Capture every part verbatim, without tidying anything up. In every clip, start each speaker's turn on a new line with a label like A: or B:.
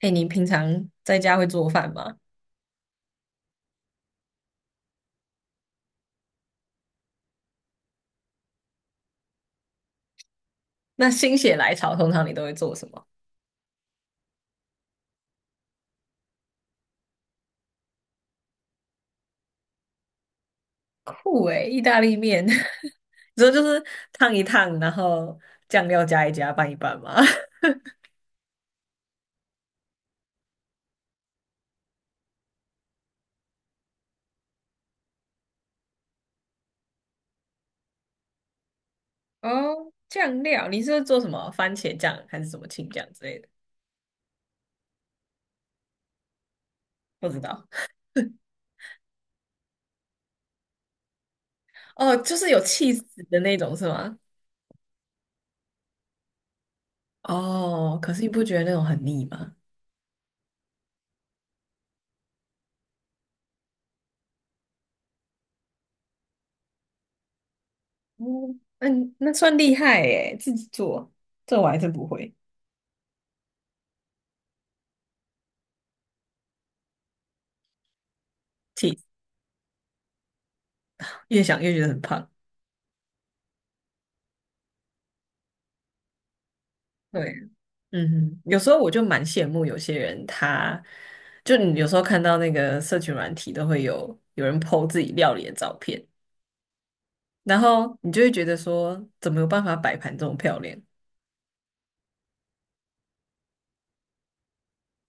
A: 哎，你平常在家会做饭吗？那心血来潮，通常你都会做什么？酷诶，意大利面，你说就是烫一烫，然后酱料加一加，拌一拌吗？哦，酱料，你是做什么番茄酱还是什么青酱之类的？不知道。哦，就是有气死的那种是吗？哦，可是你不觉得那种很腻吗？嗯，嗯，那算厉害诶，自己做，这我还真不会。气死越想越觉得很胖。对。嗯哼，有时候我就蛮羡慕有些人他，就你有时候看到那个社群软体都会有有人 po 自己料理的照片，然后你就会觉得说，怎么有办法摆盘这么漂亮？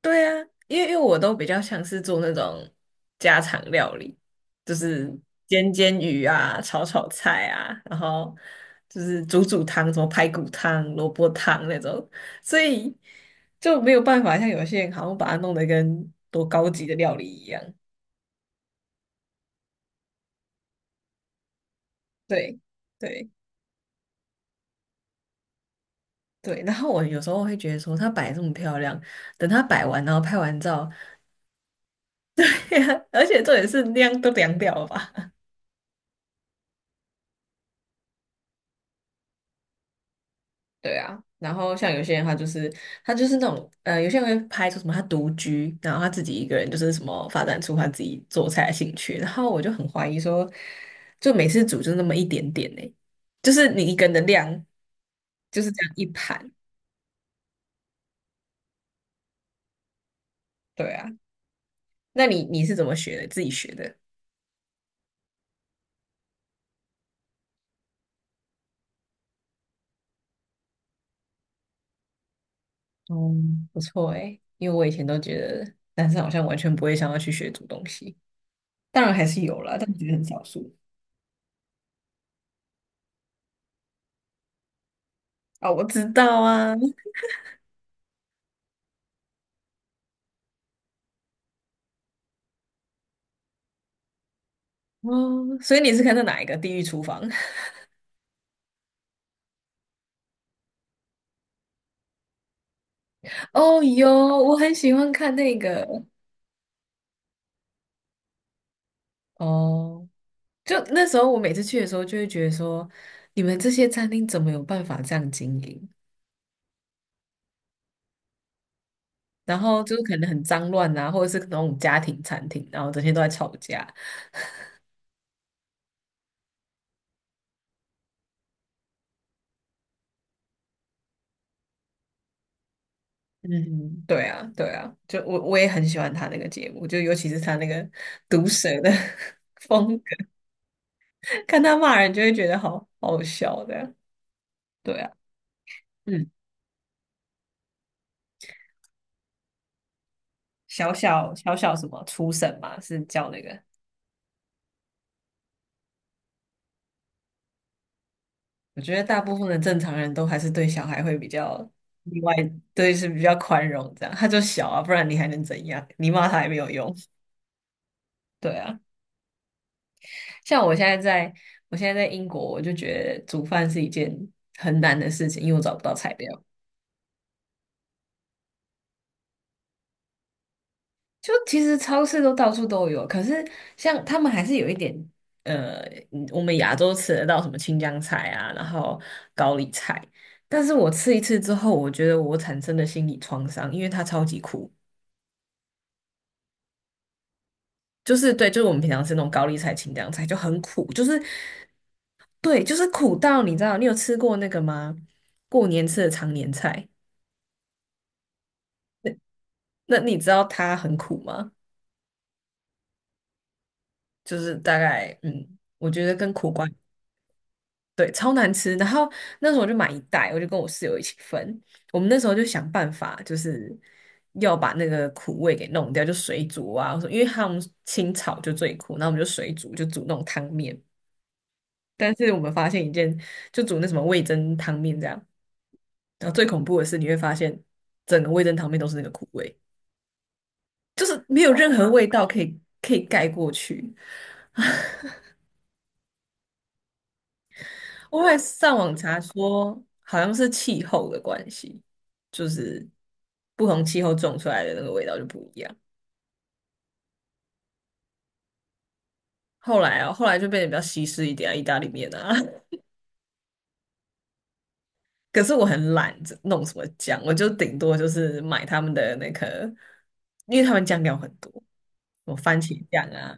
A: 对啊，因为因为我都比较像是做那种家常料理，就是煎煎鱼啊、炒炒菜啊，然后就是煮煮汤，什么排骨汤、萝卜汤那种，所以就没有办法像有些人好像把它弄得跟多高级的料理一样。对对对，然后我有时候会觉得说，她摆得这么漂亮，等她摆完，然后拍完照，而且重点是量都凉掉了吧？对啊，然后像有些人他就是他就是那种呃，有些人会拍出什么他独居，然后他自己一个人就是什么发展出他自己做菜的兴趣，然后我就很怀疑说，就每次煮就那么一点点呢、就是你一个人的量就是这样一盘，对啊，那你你是怎么学的？自己学的？哦，不错诶，因为我以前都觉得男生好像完全不会想要去学煮东西，当然还是有啦，但我觉得很少数。啊、我知道啊，哦，所以你是看的哪一个《地狱厨房》？哦，有，我很喜欢看那个。哦，就那时候我每次去的时候，就会觉得说，你们这些餐厅怎么有办法这样经营？然后就是可能很脏乱啊，或者是那种家庭餐厅，然后整天都在吵架，嗯，对啊，对啊，就我我也很喜欢他那个节目，就尤其是他那个毒舌的 风格，看他骂人就会觉得好好笑的。对啊，嗯，小小小小什么初审嘛，是叫那个。我觉得大部分的正常人都还是对小孩会比较意外，对是比较宽容这样。他就小啊，不然你还能怎样？你骂他也没有用。对啊，像我现在在，我现在在英国，我就觉得煮饭是一件很难的事情，因为我找不到材料。就其实超市都到处都有，可是像他们还是有一点，呃，嗯我们亚洲吃得到什么青江菜啊，然后高丽菜，但是我吃一次之后，我觉得我产生的心理创伤，因为它超级苦，就是对，就是我们平常吃那种高丽菜、青江菜就很苦，就是对，就是苦到你知道，你有吃过那个吗？过年吃的常年菜，那你知道它很苦吗？就是大概，嗯，我觉得跟苦瓜。对，超难吃。然后那时候我就买一袋，我就跟我室友一起分。我们那时候就想办法，就是要把那个苦味给弄掉，就水煮啊。我说，因为他们清炒就最苦，然后我们就水煮，就煮那种汤面。但是我们发现一件，就煮那什么味噌汤面这样。然后最恐怖的是，你会发现整个味噌汤面都是那个苦味，就是没有任何味道可以可以盖过去。我会上网查说，好像是气候的关系，就是不同气候种出来的那个味道就不一样。后来啊，后来就变得比较西式一点啊，意大利面啊。可是我很懒，这弄什么酱，我就顶多就是买他们的那个，因为他们酱料很多，什么番茄酱啊，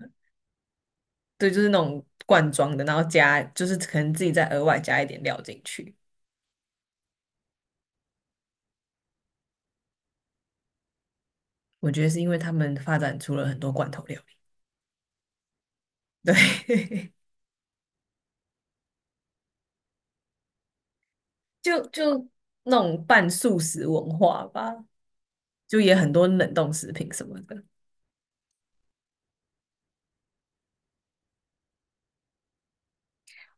A: 对，就是那种罐装的，然后加就是可能自己再额外加一点料进去。我觉得是因为他们发展出了很多罐头料理，对。就就那种半素食文化吧，就也很多冷冻食品什么的。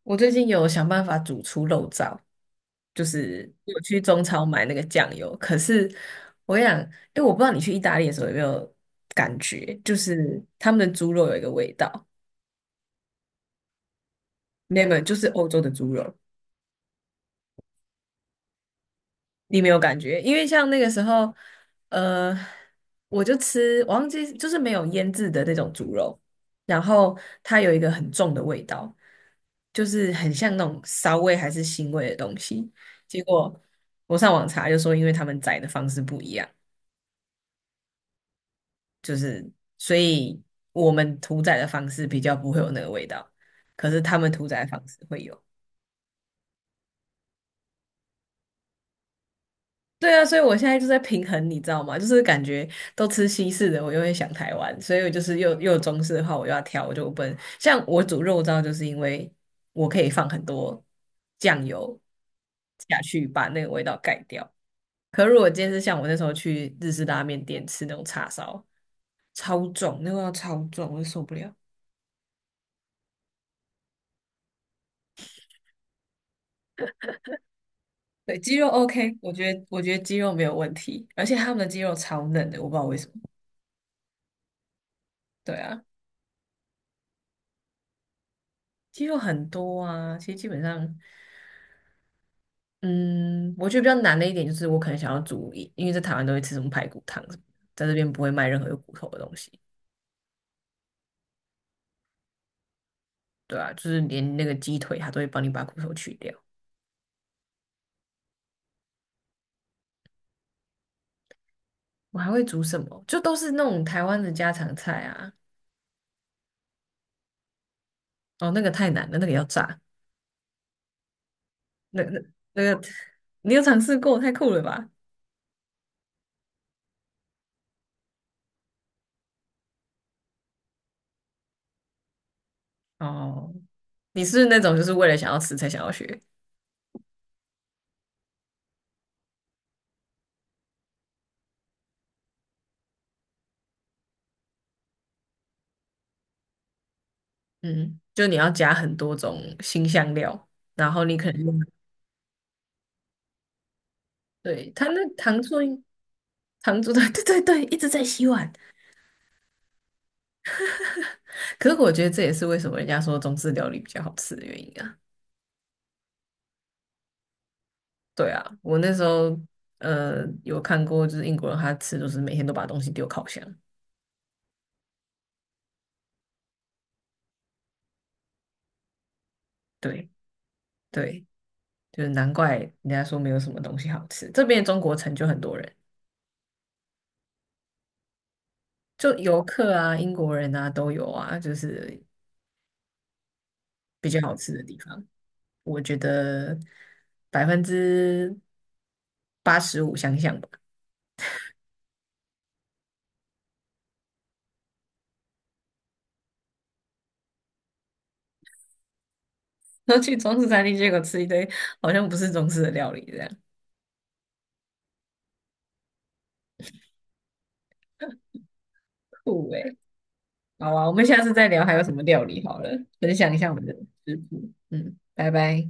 A: 我最近有想办法煮出肉燥，就是我去中超买那个酱油。可是我想，因为我不知道你去意大利的时候有没有感觉，就是他们的猪肉有一个味道，你有没有？就是欧洲的猪肉，你没有感觉，因为像那个时候，呃，我就吃，我忘记就是没有腌制的那种猪肉，然后它有一个很重的味道，就是很像那种骚味还是腥味的东西。结果我上网查就说，因为他们宰的方式不一样，就是所以我们屠宰的方式比较不会有那个味道，可是他们屠宰的方式会有。对啊，所以我现在就在平衡，你知道吗？就是感觉都吃西式的，我又会想台湾，所以我就是又又有中式的话，我又要挑，我就不能像我煮肉燥，就是因为我可以放很多酱油下去，把那个味道盖掉。可如果今天是像我那时候去日式拉面店吃那种叉烧，超重，那个味道超重，我就受不了。对，鸡肉 OK，我觉得我觉得鸡肉没有问题，而且他们的鸡肉超嫩的，我不知道为什么。对啊，鸡肉很多啊，其实基本上。嗯，我觉得比较难的一点就是，我可能想要煮一因为在台湾都会吃什么排骨汤什么的在这边不会卖任何有骨头的东西，对啊，就是连那个鸡腿，它都会帮你把骨头去掉。我还会煮什么？就都是那种台湾的家常菜啊。哦，那个太难了，那个要炸，那那那个你有尝试过？太酷了吧？哦，你是那种就是为了想要吃才想要学？嗯，就你要加很多种新香料，然后你可能用对它那糖醋。糖醋的，对对对，一直在洗碗。可是我觉得这也是为什么人家说中式料理比较好吃的原因啊。对啊，我那时候呃有看过，就是英国人他吃就是每天都把东西丢烤箱。对对，就是难怪人家说没有什么东西好吃。这边中国城就很多人，就游客啊、英国人啊都有啊，就是比较好吃的地方。我觉得百分之八十五相像吧。然后去中式餐厅，结果吃一堆好像不是中式的料理，这样酷诶、好啊，我们下次再聊还有什么料理好了，分享一下我们的食谱。嗯，拜拜。